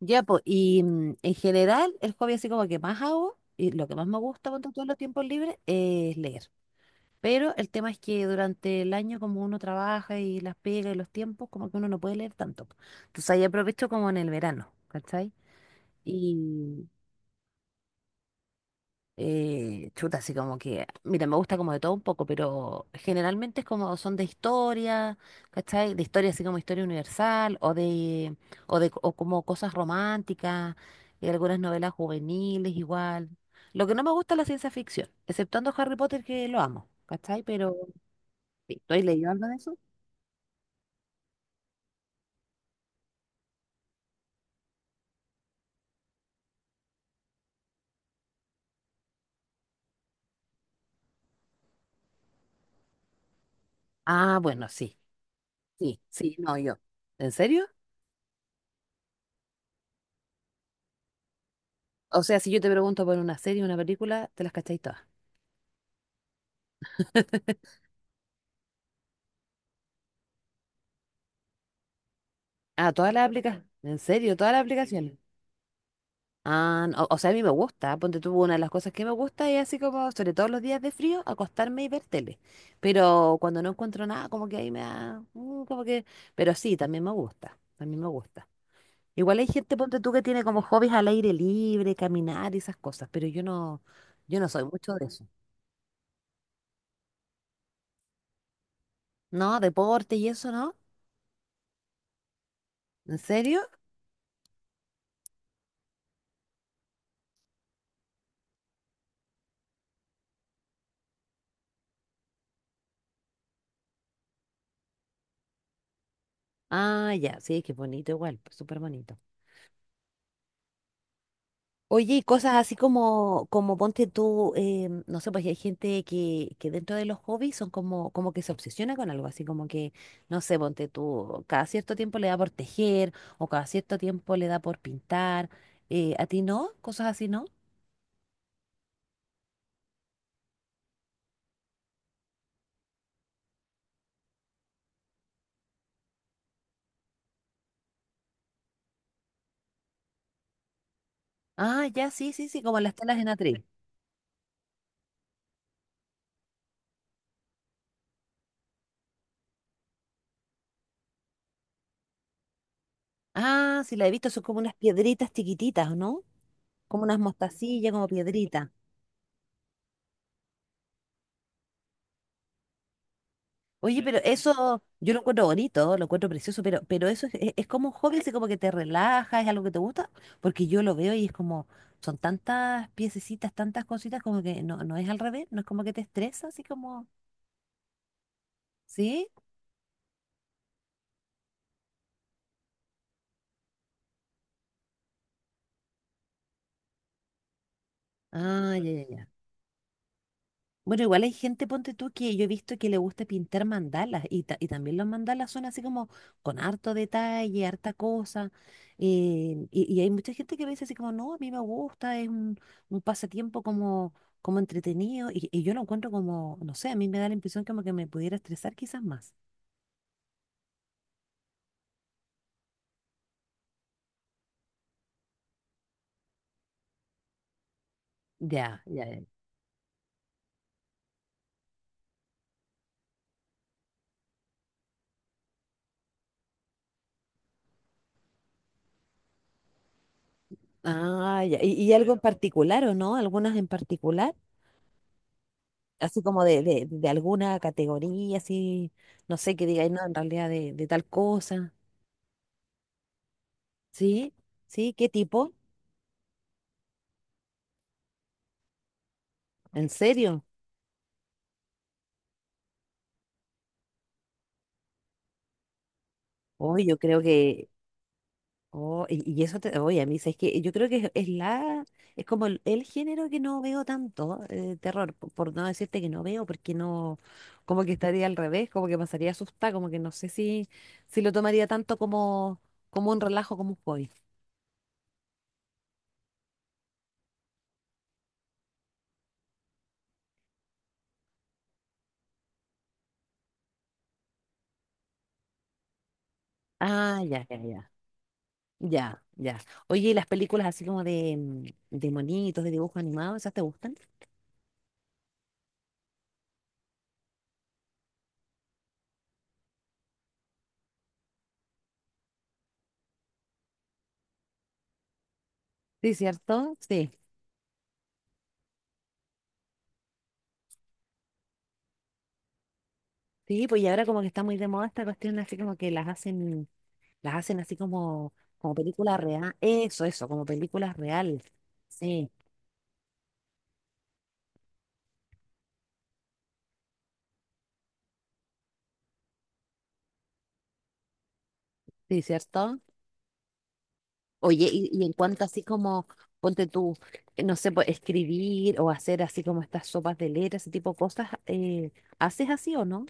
Ya, pues, y en general, el hobby así como que más hago, y lo que más me gusta con todos los tiempos libres, es leer. Pero el tema es que durante el año, como uno trabaja y las pegas y los tiempos, como que uno no puede leer tanto. Entonces ahí aprovecho como en el verano, ¿cachai? Y chuta, así como que, mira, me gusta como de todo un poco, pero generalmente es como son de historia, ¿cachai? De historia así como historia universal o de, o como cosas románticas, y algunas novelas juveniles igual. Lo que no me gusta es la ciencia ficción, exceptuando Harry Potter que lo amo, ¿cachai? Pero sí, ¿tú has leído algo de eso? Ah, bueno, sí, sí, sí, no, yo. ¿En serio? O sea, si yo te pregunto por una serie, una película, te las cacháis todas. Ah, todas las aplicaciones. ¿En serio? ¿Todas las aplicaciones? Ah, no, o sea, a mí me gusta, ponte tú, una de las cosas que me gusta es así como, sobre todo los días de frío, acostarme y ver tele. Pero cuando no encuentro nada, como que ahí me da, como que, pero sí, también me gusta, también me gusta. Igual hay gente, ponte tú, que tiene como hobbies al aire libre, caminar y esas cosas, pero yo no, yo no soy mucho de eso. No, deporte y eso, ¿no? ¿En serio? Ah, ya, sí, que bonito igual, súper bonito. Oye, y cosas así como, como ponte tú, no sé, pues hay gente que dentro de los hobbies son como, como que se obsesiona con algo, así como que, no sé, ponte tú, cada cierto tiempo le da por tejer o cada cierto tiempo le da por pintar. ¿A ti no? ¿Cosas así no? Ah, ya, sí, sí, sí, como las telas en atril. Ah, sí, la he visto, son como unas piedritas chiquititas, ¿no? Como unas mostacillas, como piedritas. Oye, pero eso yo lo encuentro bonito, lo encuentro precioso, pero eso es como un hobby, así como que te relaja, es algo que te gusta, porque yo lo veo y es como, son tantas piececitas, tantas cositas, como que no, no es al revés, no es como que te estresa, así como, ¿sí? Ah, ya, ya, ya. Bueno, igual hay gente, ponte tú, que yo he visto que le gusta pintar mandalas y, ta- y también los mandalas son así como con harto detalle, harta cosa. Y, y hay mucha gente que me dice así como, no, a mí me gusta, es un pasatiempo como, como entretenido y yo lo encuentro como, no sé, a mí me da la impresión como que me pudiera estresar quizás más. Ya, ya, ya. Ah, ya. Y algo en particular o no? ¿Algunas en particular? Así como de alguna categoría, así, no sé, que digáis, no, en realidad de tal cosa. Sí, sí, ¿qué tipo? ¿En serio? Hoy yo creo que, oh, y eso te, oye, a mí es que yo creo que es la, es como el género que no veo tanto, terror, po- por no decirte que no veo, porque no, como que estaría al revés, como que pasaría asustada, como que no sé si, si lo tomaría tanto como, como un relajo, como un hobby. Ah, ya, ya, ya, ya, ya. Oye, ¿y las películas así como de, de monitos, de dibujos animados, esas te gustan? Sí, ¿cierto? Sí. Sí, pues y ahora como que está muy de moda esta cuestión, así como que las hacen así como, como película real. Eso, como películas real. Sí, sí, ¿cierto? Oye, y en cuanto así como, ponte tú, no sé, pues, escribir o hacer así como estas sopas de letras, ese tipo de cosas, ¿haces así o no?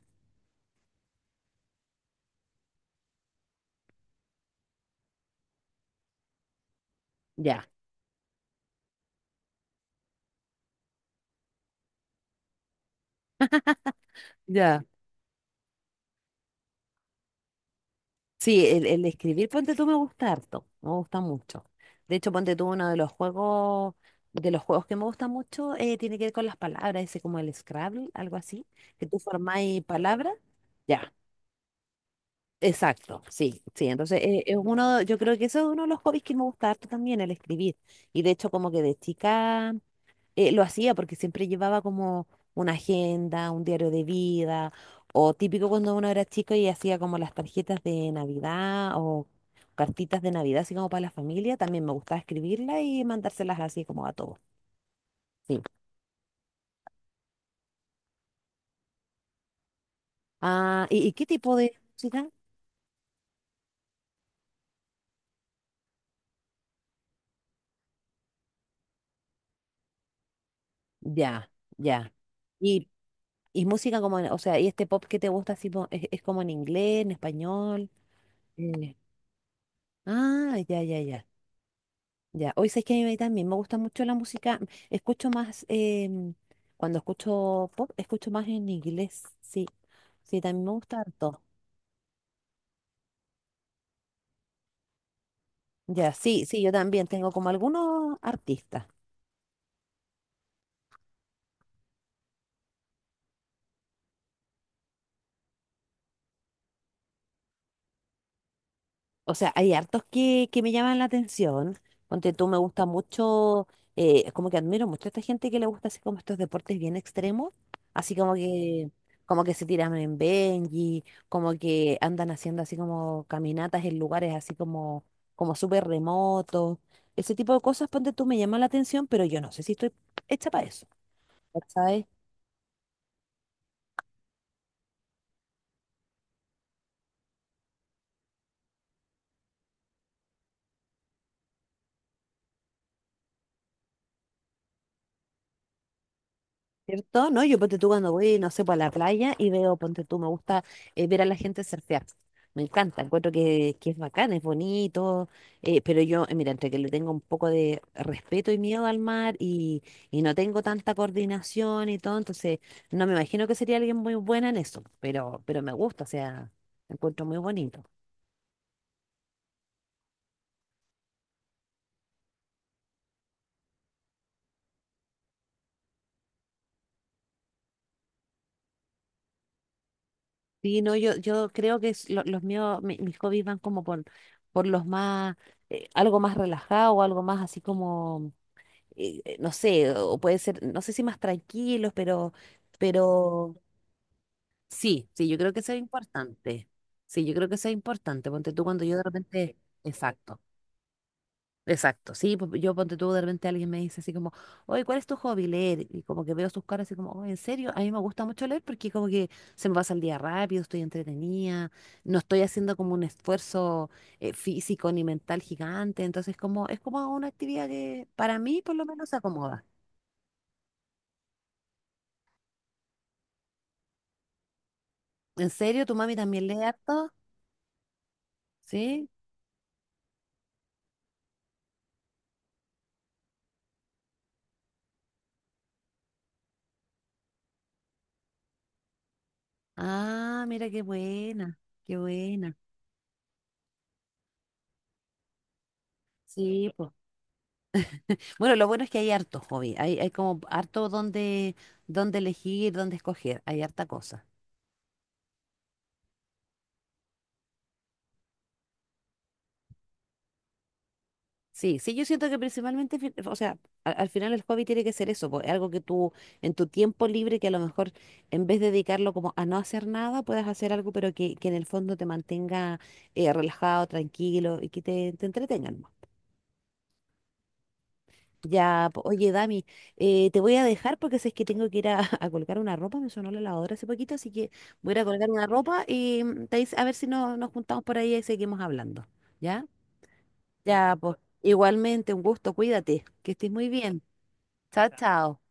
Ya, ya. Sí, el escribir ponte tú me gusta harto, me gusta mucho. De hecho, ponte tú uno de los juegos que me gusta mucho tiene que ver con las palabras, ese como el Scrabble, algo así, que tú formáis palabras. Ya, exacto, sí, sí. Entonces, es uno, yo creo que eso es uno de los hobbies que me gusta harto también, el escribir. Y de hecho, como que de chica lo hacía porque siempre llevaba como una agenda, un diario de vida, o típico cuando uno era chico y hacía como las tarjetas de Navidad o cartitas de Navidad, así como para la familia, también me gustaba escribirlas y mandárselas así como a todos. Sí. Ah, y qué tipo de música? Ya, ya. Y, y música como, en- o sea, ¿y este pop que te gusta así, po- es como en inglés, en español? Eh, Ah, ya, ya, ya. Ya, hoy sabes que a mí también me gusta mucho la música. Escucho más, cuando escucho pop, escucho más en inglés. Sí, sí, también me gusta harto. Ya, sí, sí, yo también tengo como algunos artistas. O sea, hay hartos que me llaman la atención. Ponte tú, me gusta mucho, como que admiro mucho a esta gente que le gusta así como estos deportes bien extremos, así como que se tiran en Benji, como que andan haciendo así como caminatas en lugares así como, como súper remotos. Ese tipo de cosas, ponte tú, me llama la atención, pero yo no sé si estoy hecha para eso, ¿cachai? ¿Cierto? ¿No? Yo ponte tú cuando voy, no sé, pues a la playa y veo, ponte tú, me gusta ver a la gente surfear. Me encanta, encuentro que es bacán, es bonito, pero yo, mira, entre que le tengo un poco de respeto y miedo al mar y no tengo tanta coordinación y todo, entonces no me imagino que sería alguien muy buena en eso, pero me gusta, o sea, lo encuentro muy bonito. Sí, no, yo creo que es lo- los míos, mi- mis hobbies van como por los más, algo más relajado, algo más así como no sé, o puede ser, no sé si más tranquilos, pero sí, sí, yo creo que eso es importante. Sí, yo creo que eso es importante. Ponte tú cuando yo de repente, exacto, exacto, sí, pues, yo ponte tú de repente alguien me dice así como, oye, ¿cuál es tu hobby? Leer. Y como que veo sus caras así como, oye, ¿en serio? A mí me gusta mucho leer porque como que se me pasa el día rápido, estoy entretenida, no estoy haciendo como un esfuerzo físico ni mental gigante, entonces como, es como una actividad que para mí por lo menos se acomoda. ¿En serio? ¿Tu mami también lee harto? ¿Sí? Ah, mira qué buena, qué buena. Sí, pues. Bueno, lo bueno es que hay harto hobby, hay como harto donde, donde elegir, donde escoger, hay harta cosa. Sí, sí, yo siento que principalmente, fi- o sea, a- al, final el hobby tiene que ser eso, pues, algo que tú en tu tiempo libre, que a lo mejor en vez de dedicarlo como a no hacer nada, puedas hacer algo, pero que en el fondo te mantenga relajado, tranquilo y que te entretengan. Ya, po- oye, Dami, te voy a dejar porque sé que tengo que ir a, a colgar una ropa, me sonó la lavadora hace poquito, así que voy a ir a colgar una ropa y te dice- a ver si no, nos juntamos por ahí y seguimos hablando. ¿Ya? Ya, pues igualmente, un gusto, cuídate, que estés muy bien. Chao, chao.